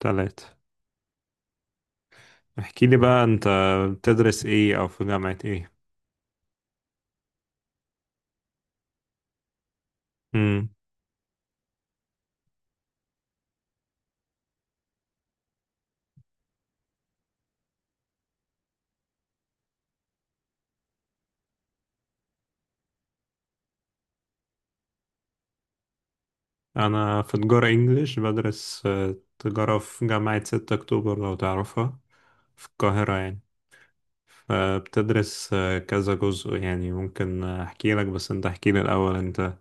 تلاتة. احكي لي بقى انت، بتدرس ايه او في جامعة ايه؟ امم. انا في تجارة انجليش، بدرس تجارة في جامعة ستة اكتوبر لو تعرفها، في القاهرة يعني. فبتدرس كذا جزء، يعني ممكن احكي لك بس انت احكي لي الاول انت.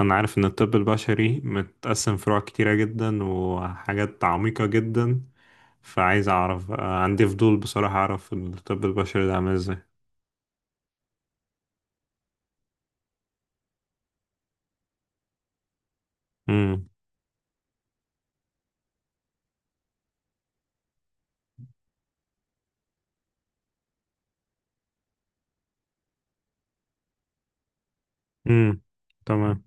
انا عارف ان الطب البشري متقسم فروع كتيرة جدا وحاجات عميقة جدا. فعايز اعرف، عندي فضول بصراحة اعرف الطب البشري ده عامل ازاي. امم. امم. تمام.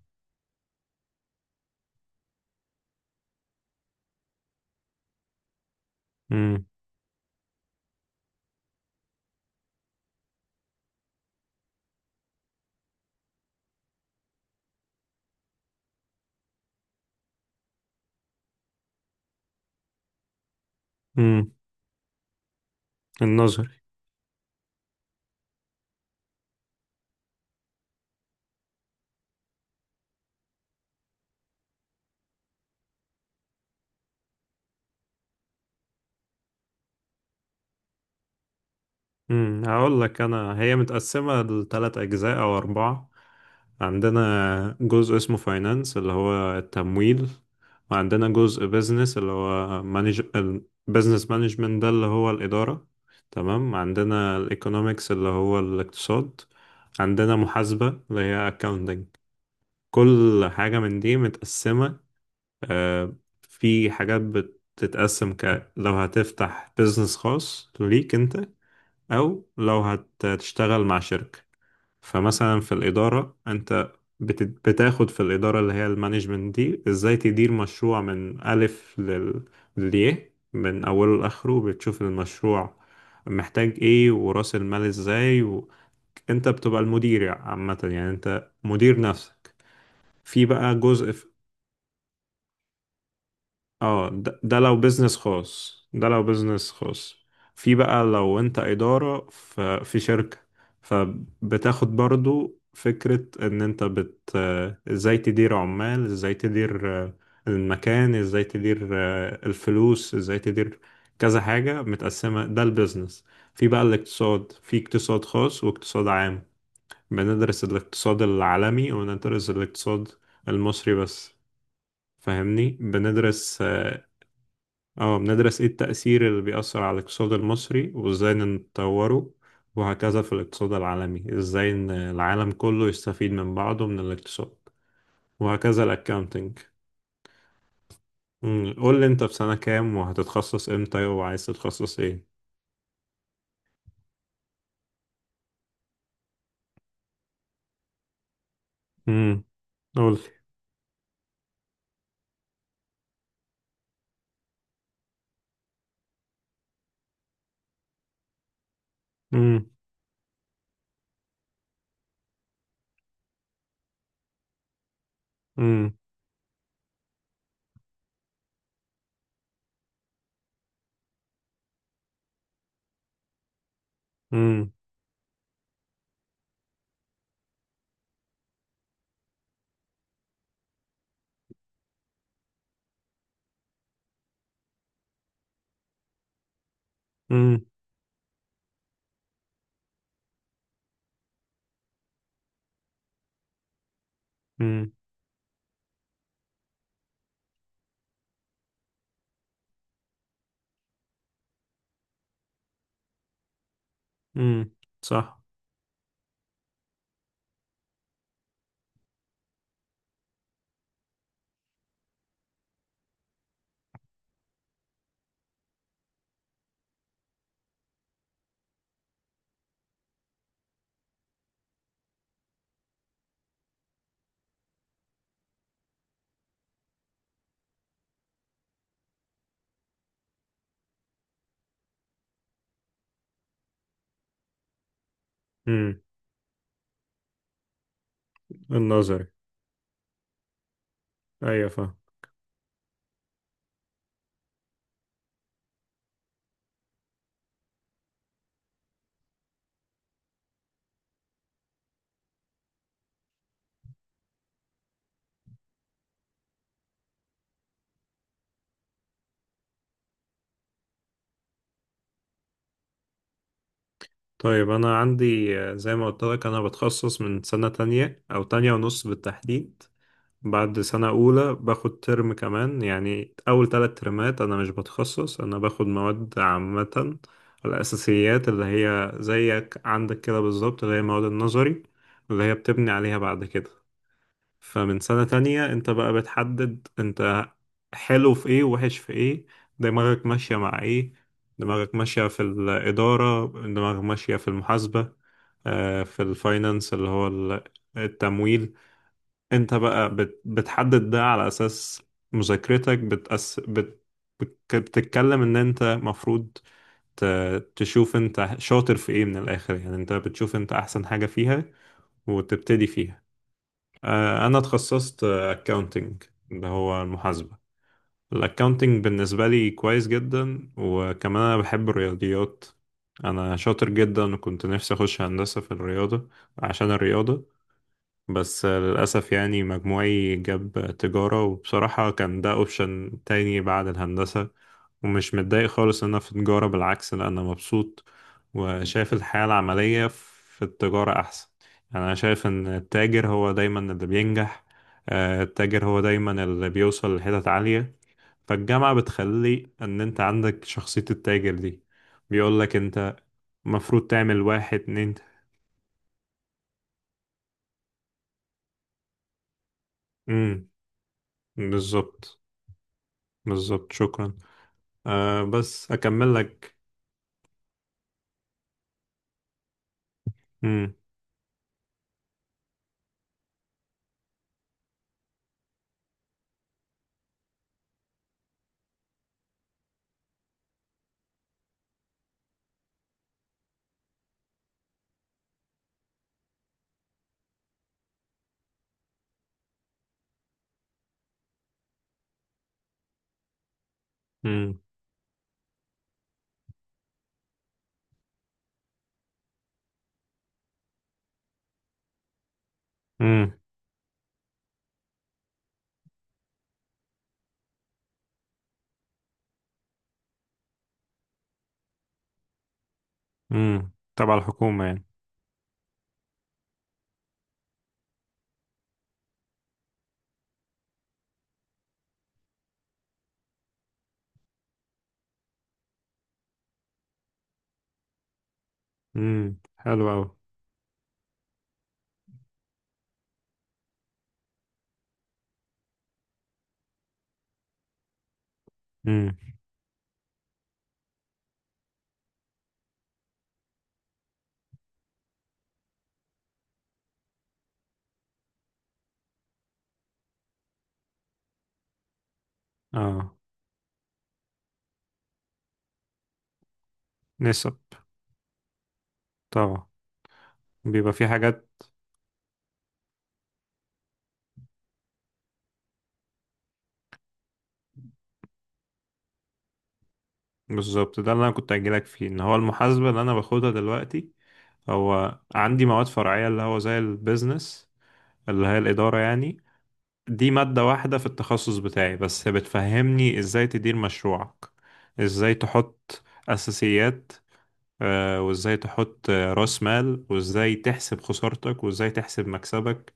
امم. النظري. هقول لك، انا هي متقسمه لثلاث اجزاء او اربعه. عندنا جزء اسمه فاينانس اللي هو التمويل. وعندنا جزء بيزنس اللي هو مانج، البيزنس مانجمنت ده اللي هو الاداره. تمام. عندنا الايكونومكس اللي هو الاقتصاد. عندنا محاسبه اللي هي اكاونتنج. كل حاجه من دي متقسمه. آه، في حاجات بتتقسم، ك لو هتفتح بيزنس خاص ليك انت، أو لو هتشتغل مع شركة. فمثلا في الإدارة، أنت بت- بتاخد في الإدارة اللي هي المانجمنت دي، إزاي تدير مشروع من ألف للياء، من أوله لآخره. بتشوف المشروع محتاج إيه ورأس المال إزاي أنت بتبقى المدير عامة، يعني أنت مدير نفسك. في بقى جزء. اه، ده لو بيزنس خاص، ده لو بيزنس خاص. في بقى لو انت إدارة في شركة، فبتاخد برضو فكرة ان انت بت آه، ازاي تدير عمال، ازاي تدير المكان، ازاي تدير الفلوس، ازاي تدير كذا حاجة متقسمة، ده البيزنس. في بقى الاقتصاد، في اقتصاد خاص واقتصاد عام. بندرس الاقتصاد العالمي وندرس الاقتصاد المصري بس، فاهمني؟ بندرس، اه بندرس ايه التأثير اللي بيأثر على الاقتصاد المصري وازاي نطوره، وهكذا في الاقتصاد العالمي، ازاي ان العالم كله يستفيد من بعضه من الاقتصاد، وهكذا الاكاونتنج. قول لي انت في سنة كام وهتتخصص امتى وعايز تتخصص ايه؟ امم. قول لي. امم امم. امم. امم. امم. أمم. صح. امم. النظري. ايوه فاهم. طيب انا عندي، زي ما قلت لك انا بتخصص من سنة تانية او تانية ونص بالتحديد. بعد سنة أولى باخد ترم كمان، يعني أول تلات ترمات أنا مش بتخصص، أنا باخد مواد عامة. الأساسيات اللي هي زيك عندك كده بالظبط، اللي هي مواد النظري اللي هي بتبني عليها بعد كده. فمن سنة تانية أنت بقى بتحدد أنت حلو في إيه ووحش في إيه، دماغك ماشية مع إيه، دماغك ماشية في الإدارة، دماغك ماشية في المحاسبة، في الفاينانس اللي هو التمويل. انت بقى بتحدد ده على اساس مذاكرتك بتتكلم ان انت مفروض، ت... تشوف انت شاطر في ايه من الاخر، يعني انت بتشوف انت احسن حاجة فيها وتبتدي فيها. انا اتخصصت اكاونتنج اللي هو المحاسبة. الاكاونتنج بالنسبة لي كويس جدا، وكمان انا بحب الرياضيات. انا شاطر جدا، وكنت نفسي اخش هندسة في الرياضة عشان الرياضة، بس للأسف يعني مجموعي جاب تجارة. وبصراحة كان ده أوبشن تاني بعد الهندسة، ومش متضايق خالص إن أنا في تجارة، بالعكس لأ أنا مبسوط. وشايف الحياة العملية في التجارة أحسن. يعني أنا شايف إن التاجر هو دايما اللي بينجح، التاجر هو دايما اللي بيوصل لحتت عالية. فالجامعة بتخلي إن أنت عندك شخصية التاجر دي. بيقولك أنت المفروض تعمل واحد اتنين. مم، بالظبط. بالظبط شكرا. آه بس أكمل لك. مم. مم. مم. مم. تبع الحكومة يعني. مم. حلو أوي. مم. اه نسب. طبعا. بيبقى في حاجات. بالظبط، ده اللي أنا كنت أجيلك فيه إن هو المحاسبة اللي أنا باخدها دلوقتي، هو عندي مواد فرعية اللي هو زي البيزنس اللي هي الإدارة يعني. دي مادة واحدة في التخصص بتاعي بس، بتفهمني إزاي تدير مشروعك، إزاي تحط أساسيات، وازاي تحط راس مال، وازاي تحسب خسارتك، وازاي تحسب مكسبك.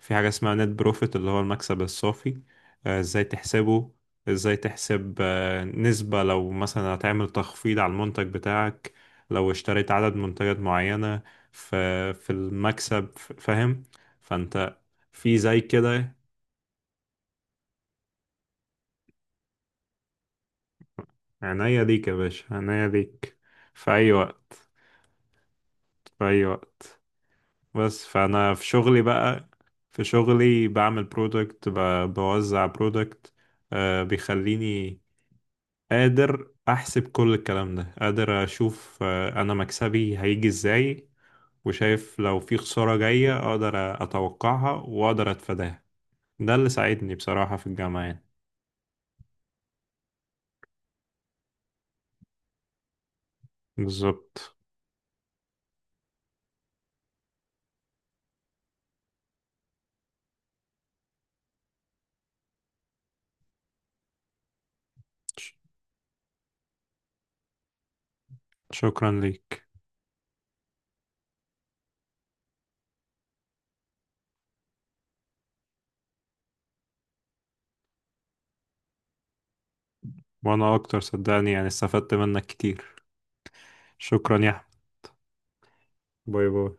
في حاجة اسمها نت بروفيت اللي هو المكسب الصافي، ازاي تحسبه، ازاي تحسب نسبة لو مثلا هتعمل تخفيض على المنتج بتاعك، لو اشتريت عدد منتجات معينة في المكسب، فاهم؟ فانت في زي كده. عناية ليك يا باشا، عناية ليك. في أي وقت، في أي وقت. بس فانا في شغلي بقى، في شغلي بعمل برودكت، بوزع برودكت. بيخليني قادر احسب كل الكلام ده، قادر اشوف انا مكسبي هيجي ازاي، وشايف لو في خسارة جاية اقدر اتوقعها واقدر اتفاداها. ده اللي ساعدني بصراحة في الجامعة يعني. بالظبط شكرا ليك. وانا اكتر صدقني، يعني استفدت منك كتير. شكرا يا أحمد. باي باي.